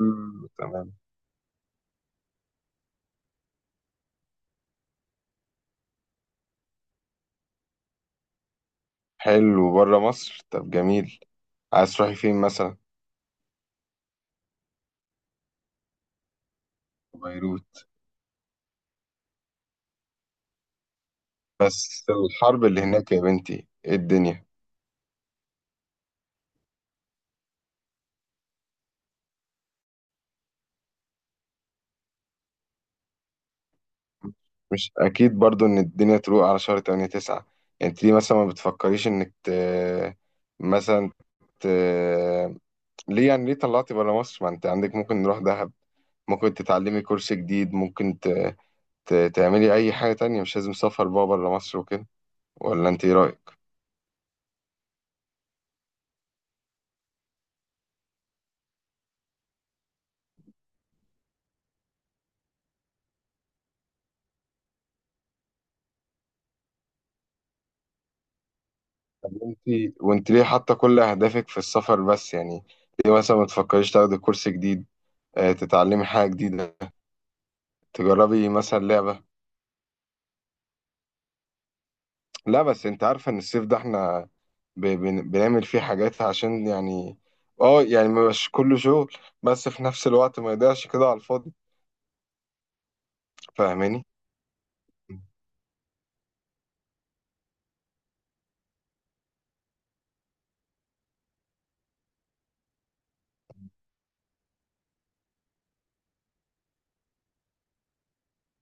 مم، تمام. حلو بره مصر، طب جميل. عايز تروحي فين مثلا؟ بيروت؟ بس الحرب اللي هناك يا بنتي، ايه الدنيا! مش اكيد برضو ان الدنيا تروق على شهر 8 9. انت ليه مثلا ما بتفكريش انك مثلا ت... ليه يعني؟ ليه طلعتي بره مصر؟ ما انت عندك ممكن نروح دهب، ممكن تتعلمي كورس جديد، ممكن تعملي اي حاجة تانية. مش لازم سفر بقى بره مصر وكده، ولا انت ايه رأيك؟ انت ليه حاطه كل اهدافك في السفر بس يعني؟ ليه مثلا ما تفكريش تاخدي كورس جديد، تتعلمي حاجه جديده، تجربي مثلا لعبه؟ لا بس انت عارفه ان الصيف ده احنا بنعمل فيه حاجات عشان يعني، اه يعني مبقاش كله شغل، بس في نفس الوقت ما يضيعش كده على الفاضي. فاهماني؟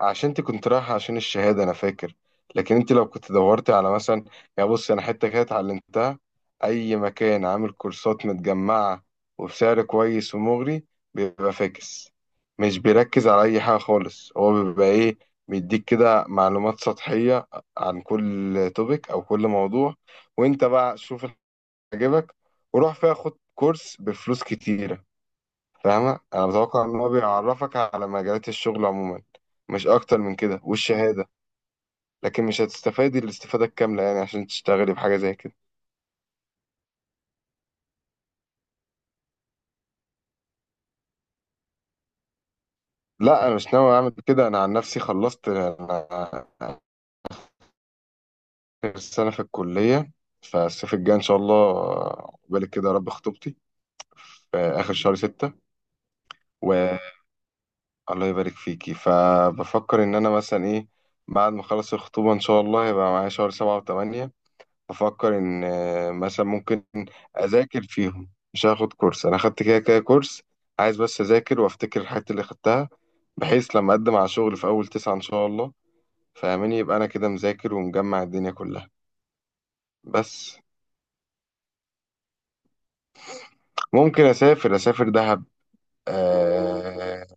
عشان انت كنت رايحة عشان الشهادة انا فاكر. لكن انت لو كنت دورتي على مثلا، يعني بص انا حتة كده اتعلمتها، اي مكان عامل كورسات متجمعة وبسعر كويس ومغري بيبقى فاكس. مش بيركز على اي حاجة خالص، هو بيبقى ايه، بيديك كده معلومات سطحية عن كل توبيك او كل موضوع، وانت بقى شوف اللي عجبك وروح فيها خد كورس بفلوس كتيرة. فاهمة؟ أنا متوقع إن هو بيعرفك على مجالات الشغل عموما، مش أكتر من كده والشهادة. لكن مش هتستفادي الاستفادة الكاملة يعني عشان تشتغلي بحاجة زي كده. لا أنا مش ناوي أعمل كده. أنا عن نفسي خلصت، أنا آخر سنة في الكلية. فالصيف الجاي إن شاء الله، عقبالك كده يا رب، خطوبتي في آخر شهر ستة. والله يبارك فيكي. فبفكر إن أنا مثلا إيه، بعد ما أخلص الخطوبة إن شاء الله هيبقى معايا شهر سبعة وثمانية. بفكر ان مثلا ممكن اذاكر فيهم. مش هاخد كورس، انا خدت كده كده كورس. عايز بس اذاكر وافتكر الحاجات اللي خدتها، بحيث لما اقدم على شغل في اول تسعة ان شاء الله. فاهمني؟ يبقى انا كده مذاكر ومجمع الدنيا كلها. بس ممكن اسافر، اسافر دهب. آه،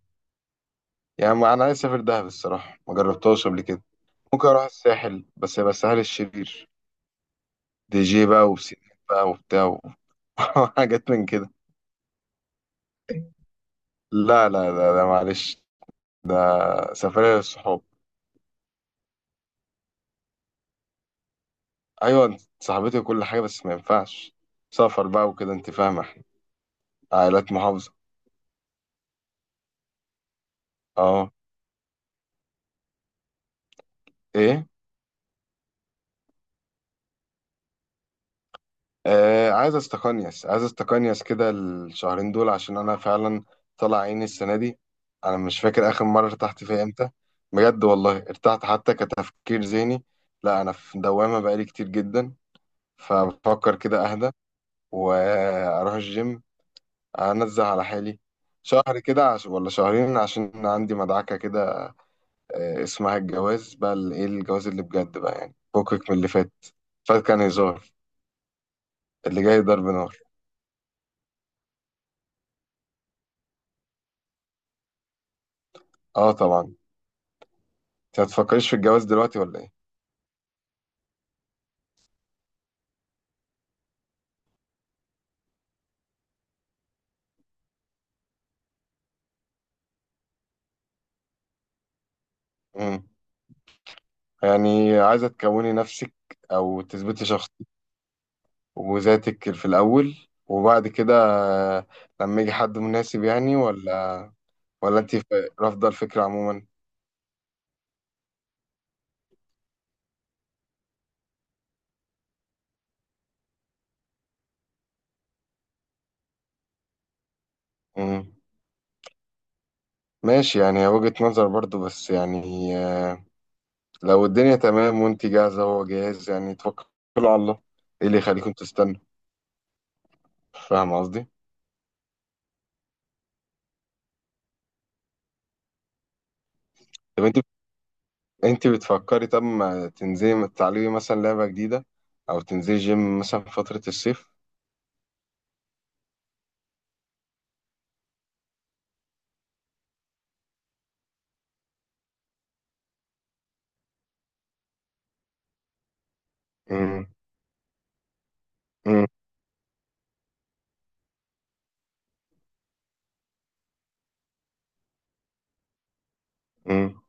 يعني انا عايز اسافر دهب الصراحه، ما جربتهاش قبل كده. ممكن اروح الساحل، بس يبقى الساحل الشرير، دي جي بقى وبسينات بقى وبتاع و- وحاجات من كده. لا, معلش، ده سفرية للصحاب. ايوه انت صاحبتي وكل حاجه، بس ما ينفعش سفر بقى وكده. انت فاهمه، احنا عائلات محافظه. اه. ايه؟ آه، عايز استقنيس، عايز استقنيس كده الشهرين دول عشان انا فعلا طلع عيني السنه دي. انا مش فاكر اخر مره ارتحت فيها امتى، بجد والله ارتحت حتى كتفكير ذهني. لا انا في دوامه بقالي كتير جدا. فبفكر كده اهدى واروح الجيم، انزل على حالي شهر كده ولا شهرين، عشان عندي مدعكه كده، اسمها الجواز بقى، ايه، الجواز اللي بجد بقى يعني، فكك من اللي فات. فات كان هزار، اللي جاي ضرب نار. اه طبعا. انت هتفكريش في الجواز دلوقتي ولا ايه؟ مم. يعني عايزه تكوني نفسك او تثبتي شخص وذاتك في الاول، وبعد كده آه، لما يجي حد مناسب يعني، ولا، ولا انت رافضه الفكره عموما؟ مم. ماشي، يعني هي وجهة نظر برضو، بس يعني لو الدنيا تمام وانت جاهزة وهو جاهز يعني توكلوا على الله. ايه اللي يخليكم تستنوا؟ فاهم قصدي؟ طب انت، بتفكري طب ما تنزلي، ما تتعلمي مثلا لعبة جديدة، او تنزلي جيم مثلا في فترة الصيف. امم امم امم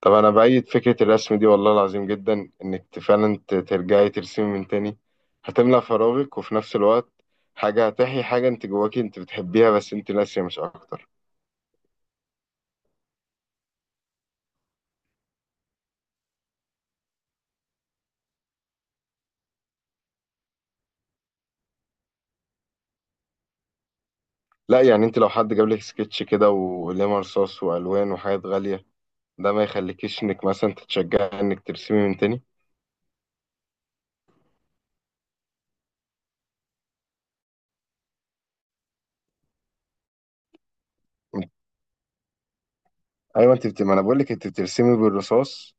طب انا بأيد فكرة الرسم دي والله العظيم جدا، انك فعلا ترجعي ترسمي من تاني. هتملى فراغك، وفي نفس الوقت حاجة هتحيي حاجة انت جواكي انت بتحبيها بس انت ناسية، مش اكتر. لا يعني انت لو حد جاب لك سكتش كده وقلم رصاص والوان وحاجات غالية، ده ما يخليكيش انك مثلا تتشجعي انك ترسمي من تاني؟ ايوه انت ما انا بقول لك انت بترسمي بالرصاص.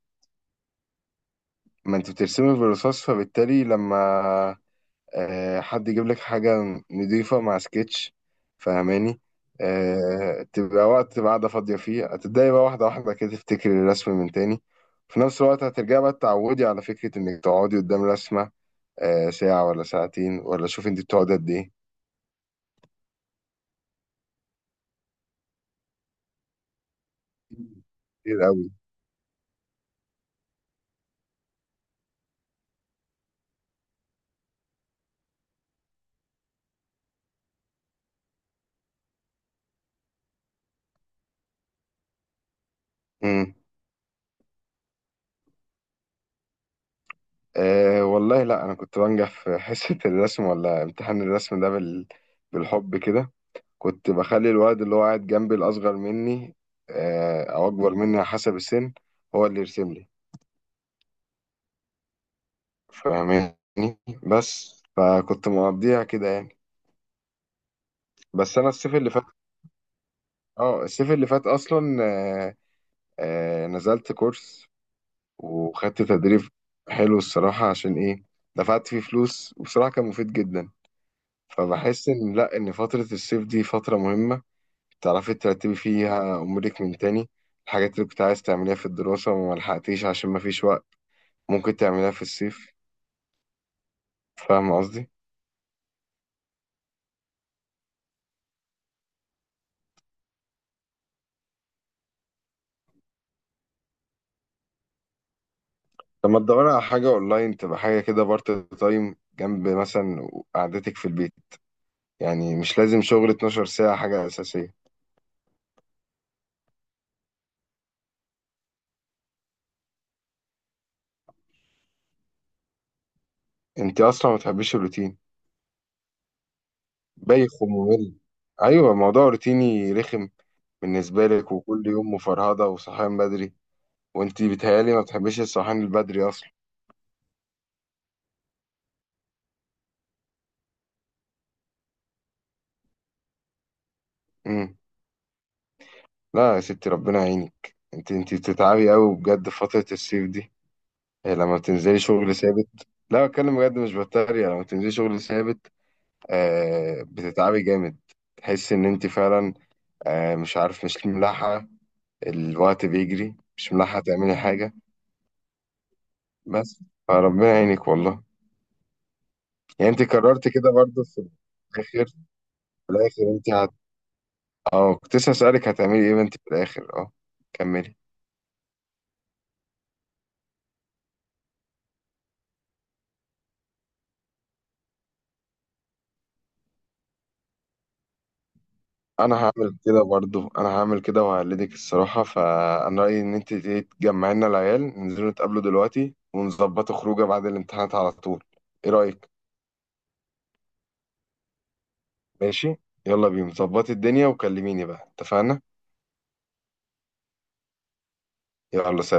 ما انت بترسمي بالرصاص، فبالتالي لما حد يجيب لك حاجه نضيفه مع سكتش، فاهماني؟ تبقى وقت، تبقى قاعده فاضيه فيه، هتبداي بقى واحده واحده كده تفتكري الرسم من تاني. في نفس الوقت هترجعي بقى تتعودي على فكره انك تقعدي قدام رسمه ساعه ولا ساعتين، ولا شوفي انت بتقعدي قد ايه. كتير قوي. امم. أه والله، لا انا كنت بنجح في حصه الرسم ولا امتحان الرسم ده بالحب كده. كنت بخلي الواد اللي هو قاعد جنبي، الأصغر مني أو أكبر مني على حسب السن، هو اللي يرسم لي. فاهماني؟ بس فكنت مقضيها كده يعني. بس أنا الصيف اللي فات، اه الصيف اللي فات أصلا نزلت كورس وخدت تدريب حلو الصراحة، عشان إيه، دفعت فيه فلوس وبصراحة كان مفيد جدا. فبحس إن لأ، إن فترة الصيف دي فترة مهمة، تعرفي ترتبي فيها أمورك من تاني. الحاجات اللي كنت عايز تعمليها في الدراسة وما لحقتيش عشان مفيش وقت، ممكن تعمليها في الصيف. فاهم قصدي؟ لما تدوري على حاجة أونلاين تبقى حاجة كده بارت تايم جنب مثلا قعدتك في البيت، يعني مش لازم شغل 12 ساعة حاجة أساسية. أنت أصلا ما بتحبيش الروتين، بايخ وممل. أيوة، موضوع روتيني رخم بالنسبة لك، وكل يوم مفرهدة وصحيان بدري. وأنت بتهيألي ما بتحبيش الصحيان البدري أصلا. مم. لا يا ستي ربنا يعينك، انت بتتعبي قوي بجد في فترة الصيف دي. إيه لما بتنزلي شغل ثابت، لا بتكلم بجد مش بتريق، لما بتنزلي شغل ثابت آه بتتعبي جامد. تحسي ان انت فعلا آه، مش عارف، مش ملاحقة، الوقت بيجري مش ملاحقة تعملي حاجة. بس فربنا يعينك والله. يعني انت قررت كده برضه في الاخر، في الاخر انت اه كنت لسه اسألك هتعملي ايه انت في الاخر، اه كملي. انا هعمل كده برضو، انا هعمل كده وهقلدك الصراحه. فانا رايي ان انت تيجي تجمعي لنا العيال ننزلوا نتقابلوا دلوقتي ونظبطوا خروجه بعد الامتحانات على طول. ايه رايك؟ ماشي. يلا بينا، ظبطي الدنيا وكلميني بقى، اتفقنا؟ يلا.